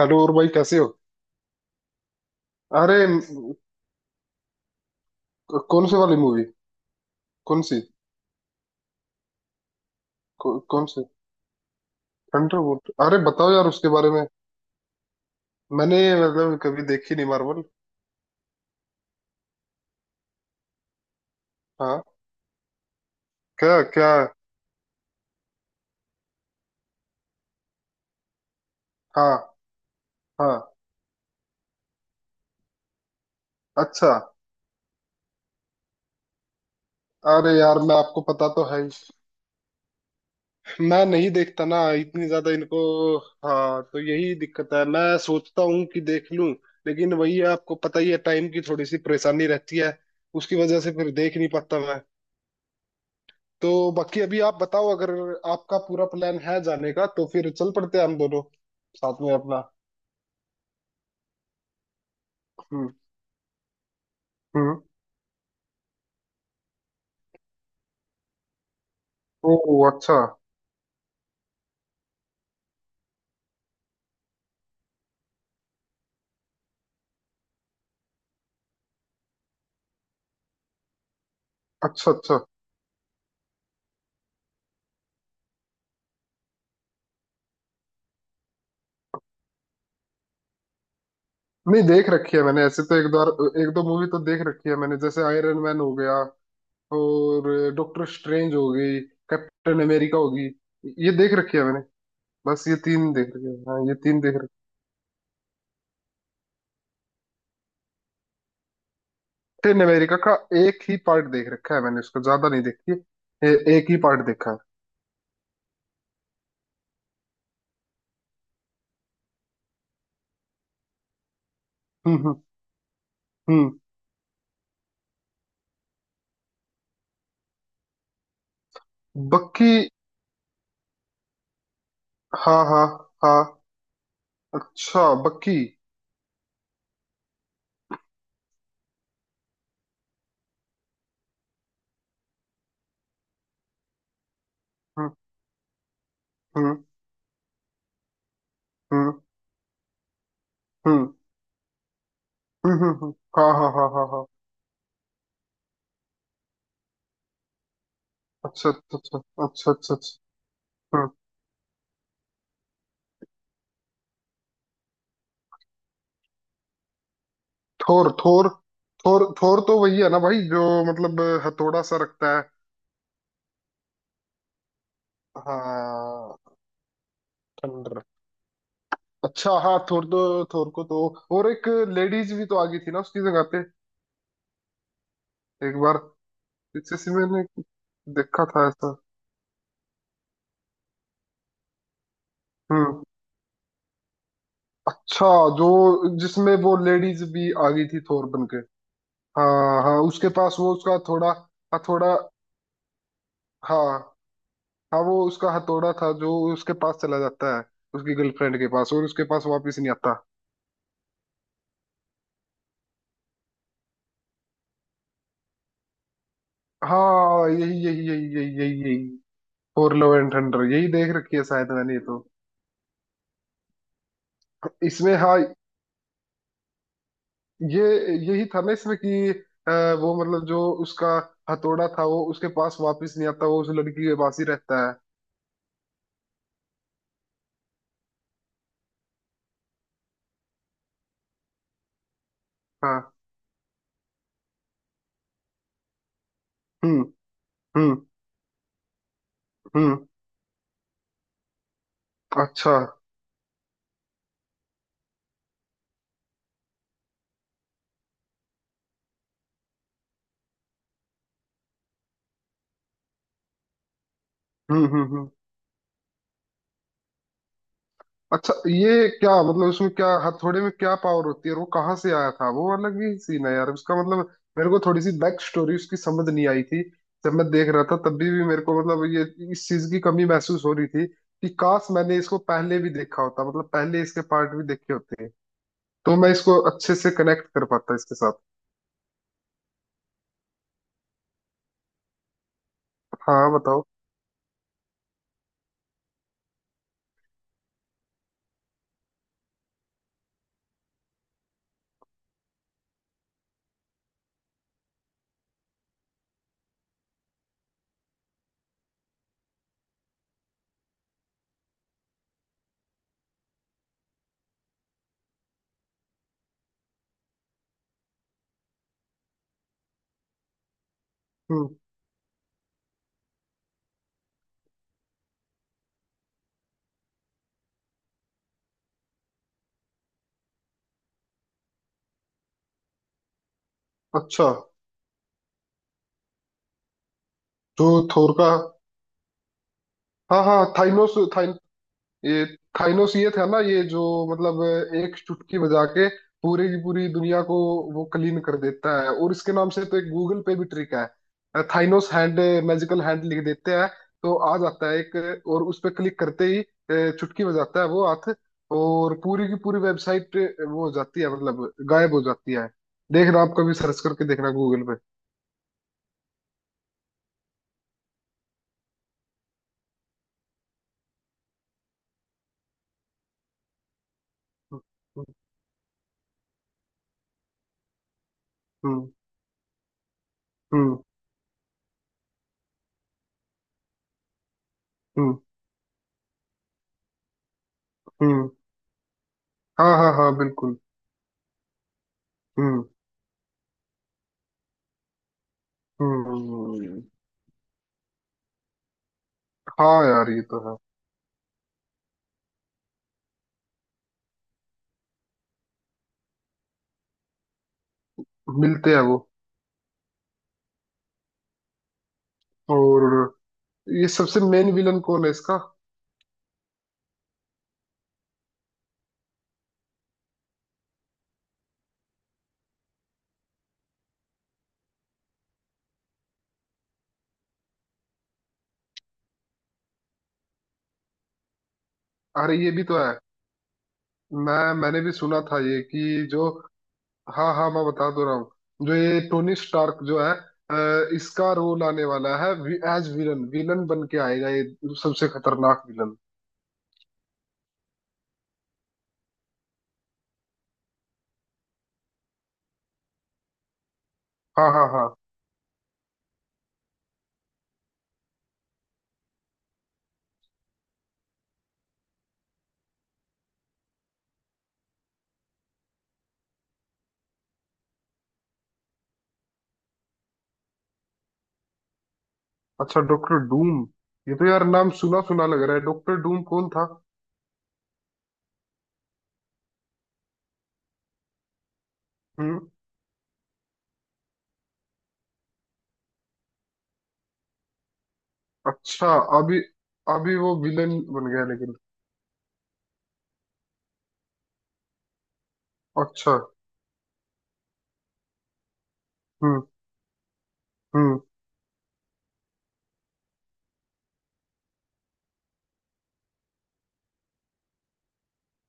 Hello. और भाई कैसे हो? अरे कौन से वाली मूवी? कौन सी? कौन सी? थंडरबोल्ट? अरे बताओ यार उसके बारे में। मैंने मतलब कभी देखी नहीं मार्वल। हाँ। क्या क्या? हाँ हाँ। अच्छा। अरे यार, मैं, आपको पता तो है ही, मैं नहीं देखता ना इतनी ज्यादा इनको। हाँ तो यही दिक्कत है। मैं सोचता हूँ कि देख लूं, लेकिन वही है, आपको पता ही है, टाइम की थोड़ी सी परेशानी रहती है। उसकी वजह से फिर देख नहीं पाता। तो बाकी अभी आप बताओ, अगर आपका पूरा प्लान है जाने का तो फिर चल पड़ते हैं हम दोनों साथ में अपना। हम्म। हम्म। ओ। अच्छा अच्छा अच्छा। नहीं, देख रखी है मैंने ऐसे तो एक बार। एक दो मूवी तो देख रखी है मैंने, जैसे आयरन मैन हो गया, और डॉक्टर स्ट्रेंज हो गई, कैप्टन अमेरिका होगी, ये देख रखी है मैंने। बस ये तीन देख रखी है। हाँ, ये तीन देख रखी। कैप्टन अमेरिका का एक ही पार्ट देख रखा है मैंने, उसका ज्यादा नहीं देखी है। एक ही पार्ट देखा है। हम्म हम्म हम्म। बाकी। हाँ हाँ हाँ। अच्छा बक्की। हम्म हम्म हम्म हम्म। हम्म। हाँ हाँ हाँ हाँ हाँ। अच्छा अच्छा अच्छा। अच्छा अच्छा अच्छा। हम्म। थोर थोर। थोर थोर तो वही है ना भाई, जो मतलब हथौड़ा सा रखता है। हाँ। थंडर। अच्छा हाँ, थोर तो, थोर को तो, और एक लेडीज भी तो आ गई थी ना उसकी जगह पे एक बार, इससे से मैंने देखा था ऐसा। हम्म। अच्छा। जो जिसमें वो लेडीज भी आ गई थी थोर बन के। हाँ हाँ, उसके पास वो उसका हथौड़ा। हथौड़ा। हाँ हाँ, वो उसका हथौड़ा था जो उसके पास चला जाता है, उसकी गर्लफ्रेंड के पास, और उसके पास वापस नहीं आता। हाँ, यही यही यही यही यही यही, फॉर लव एंड थंडर, यही देख रखी है शायद मैंने ये तो। इसमें हाँ। ये यही था ना इसमें कि अ, वो मतलब जो उसका हथौड़ा था वो उसके पास वापस नहीं आता, वो उस लड़की के पास ही रहता है। हाँ। हम्म हम्म हम्म। अच्छा। हम्म। अच्छा, ये क्या मतलब, इसमें क्या हथौड़े में क्या पावर होती है और वो कहाँ से आया था, वो अलग ही सीन है यार उसका, मतलब मेरे को थोड़ी सी बैक स्टोरी उसकी समझ नहीं आई थी जब मैं देख रहा था, तब भी मेरे को मतलब ये, इस चीज की कमी महसूस हो रही थी कि काश मैंने इसको पहले भी देखा होता, मतलब पहले इसके पार्ट भी देखे होते तो मैं इसको अच्छे से कनेक्ट कर पाता इसके साथ। हाँ बताओ। हम्म। अच्छा। जो थोर का। हाँ हाँ थाइनोस। ये थाइनोस ये था ना, ये जो मतलब एक चुटकी बजा के पूरे की पूरी दुनिया को वो क्लीन कर देता है। और इसके नाम से तो एक गूगल पे भी ट्रिक है, थाइनोस हैंड मैजिकल हैंड लिख देते हैं तो आ जाता है एक, और उस पर क्लिक करते ही चुटकी बजाता है वो हाथ, और पूरी की पूरी वेबसाइट वो हो जाती है, मतलब गायब हो जाती है। देखना आप कभी सर्च करके देखना गूगल पे। हम्म हम्म हम्म हम्म। हम्म हाँ हाँ हाँ बिल्कुल। हम्म हम्म हम्म, हम्म। हाँ यार, ये तो है। मिलते हैं वो। और ये सबसे मेन विलन कौन है इसका? अरे ये भी तो है। मैंने भी सुना था ये कि जो, हाँ हाँ मैं बता दो रहा हूँ, जो ये टोनी स्टार्क जो है इसका रोल आने वाला है, एज विलन, विलन बन के आएगा ये, सबसे खतरनाक विलन। हाँ हाँ हाँ। अच्छा डॉक्टर डूम। ये तो यार नाम सुना सुना लग रहा है, डॉक्टर डूम कौन था? हम्म। अच्छा। अभी अभी वो विलन बन गया लेकिन। अच्छा। हम्म हम्म।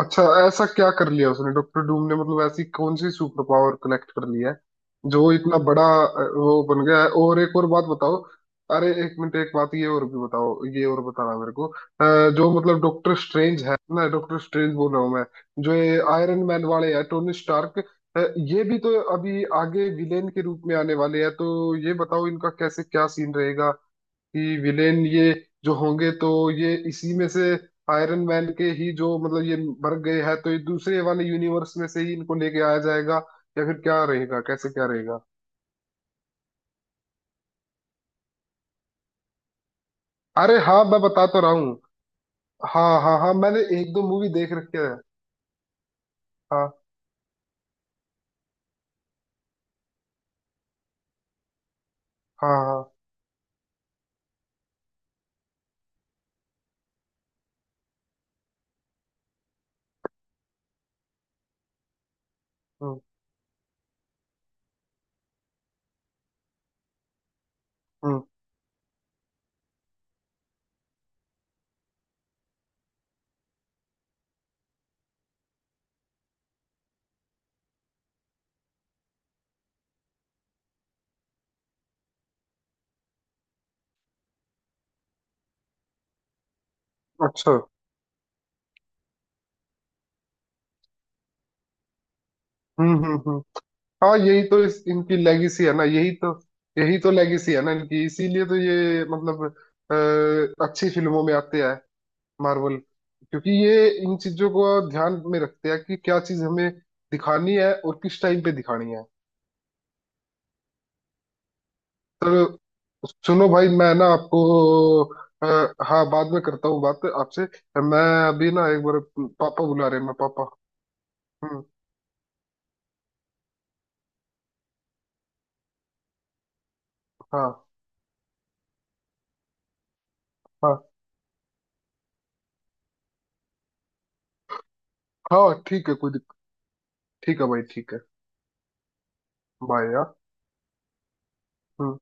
अच्छा, ऐसा क्या कर लिया उसने डॉक्टर डूम ने, मतलब ऐसी कौन सी सुपर पावर कलेक्ट कर लिया है जो इतना बड़ा वो बन गया है? और एक और बात बताओ। अरे एक मिनट एक बात ये और भी बताओ, ये और बताना मेरे को जो मतलब डॉक्टर स्ट्रेंज है ना, डॉक्टर स्ट्रेंज बोल रहा हूँ मैं, जो ये आयरन मैन वाले हैं, टोनी स्टार्क, ये भी तो अभी आगे विलेन के रूप में आने वाले हैं, तो ये बताओ इनका कैसे क्या सीन रहेगा, कि विलेन ये जो होंगे तो ये इसी में से, आयरन मैन के ही जो मतलब ये मर गए हैं तो ये दूसरे वाले यूनिवर्स में से ही इनको लेके आया जाएगा या फिर क्या रहेगा, कैसे क्या रहेगा? अरे हाँ मैं बता तो रहा हूँ। हाँ हाँ हाँ, मैंने एक दो मूवी देख रखी है। हाँ हाँ हाँ। हम्म हम्म। अच्छा। हम्म। हाँ यही तो इनकी लेगेसी है ना, यही तो। यही तो लेगेसी है ना इनकी, इसीलिए तो ये मतलब अच्छी फिल्मों में आते हैं, मार्वल, क्योंकि ये इन चीजों को ध्यान में रखते हैं कि क्या चीज हमें दिखानी है और किस टाइम पे दिखानी है। तो सुनो भाई, मैं ना आपको अ, हाँ बाद में करता हूँ बात आपसे, मैं अभी ना, एक बार पापा बुला रहे हैं, मैं पापा। हम्म। हाँ हाँ हाँ, ठीक है, कोई दिक्कत? ठीक है भाई, ठीक है। बाय यार। हम्म।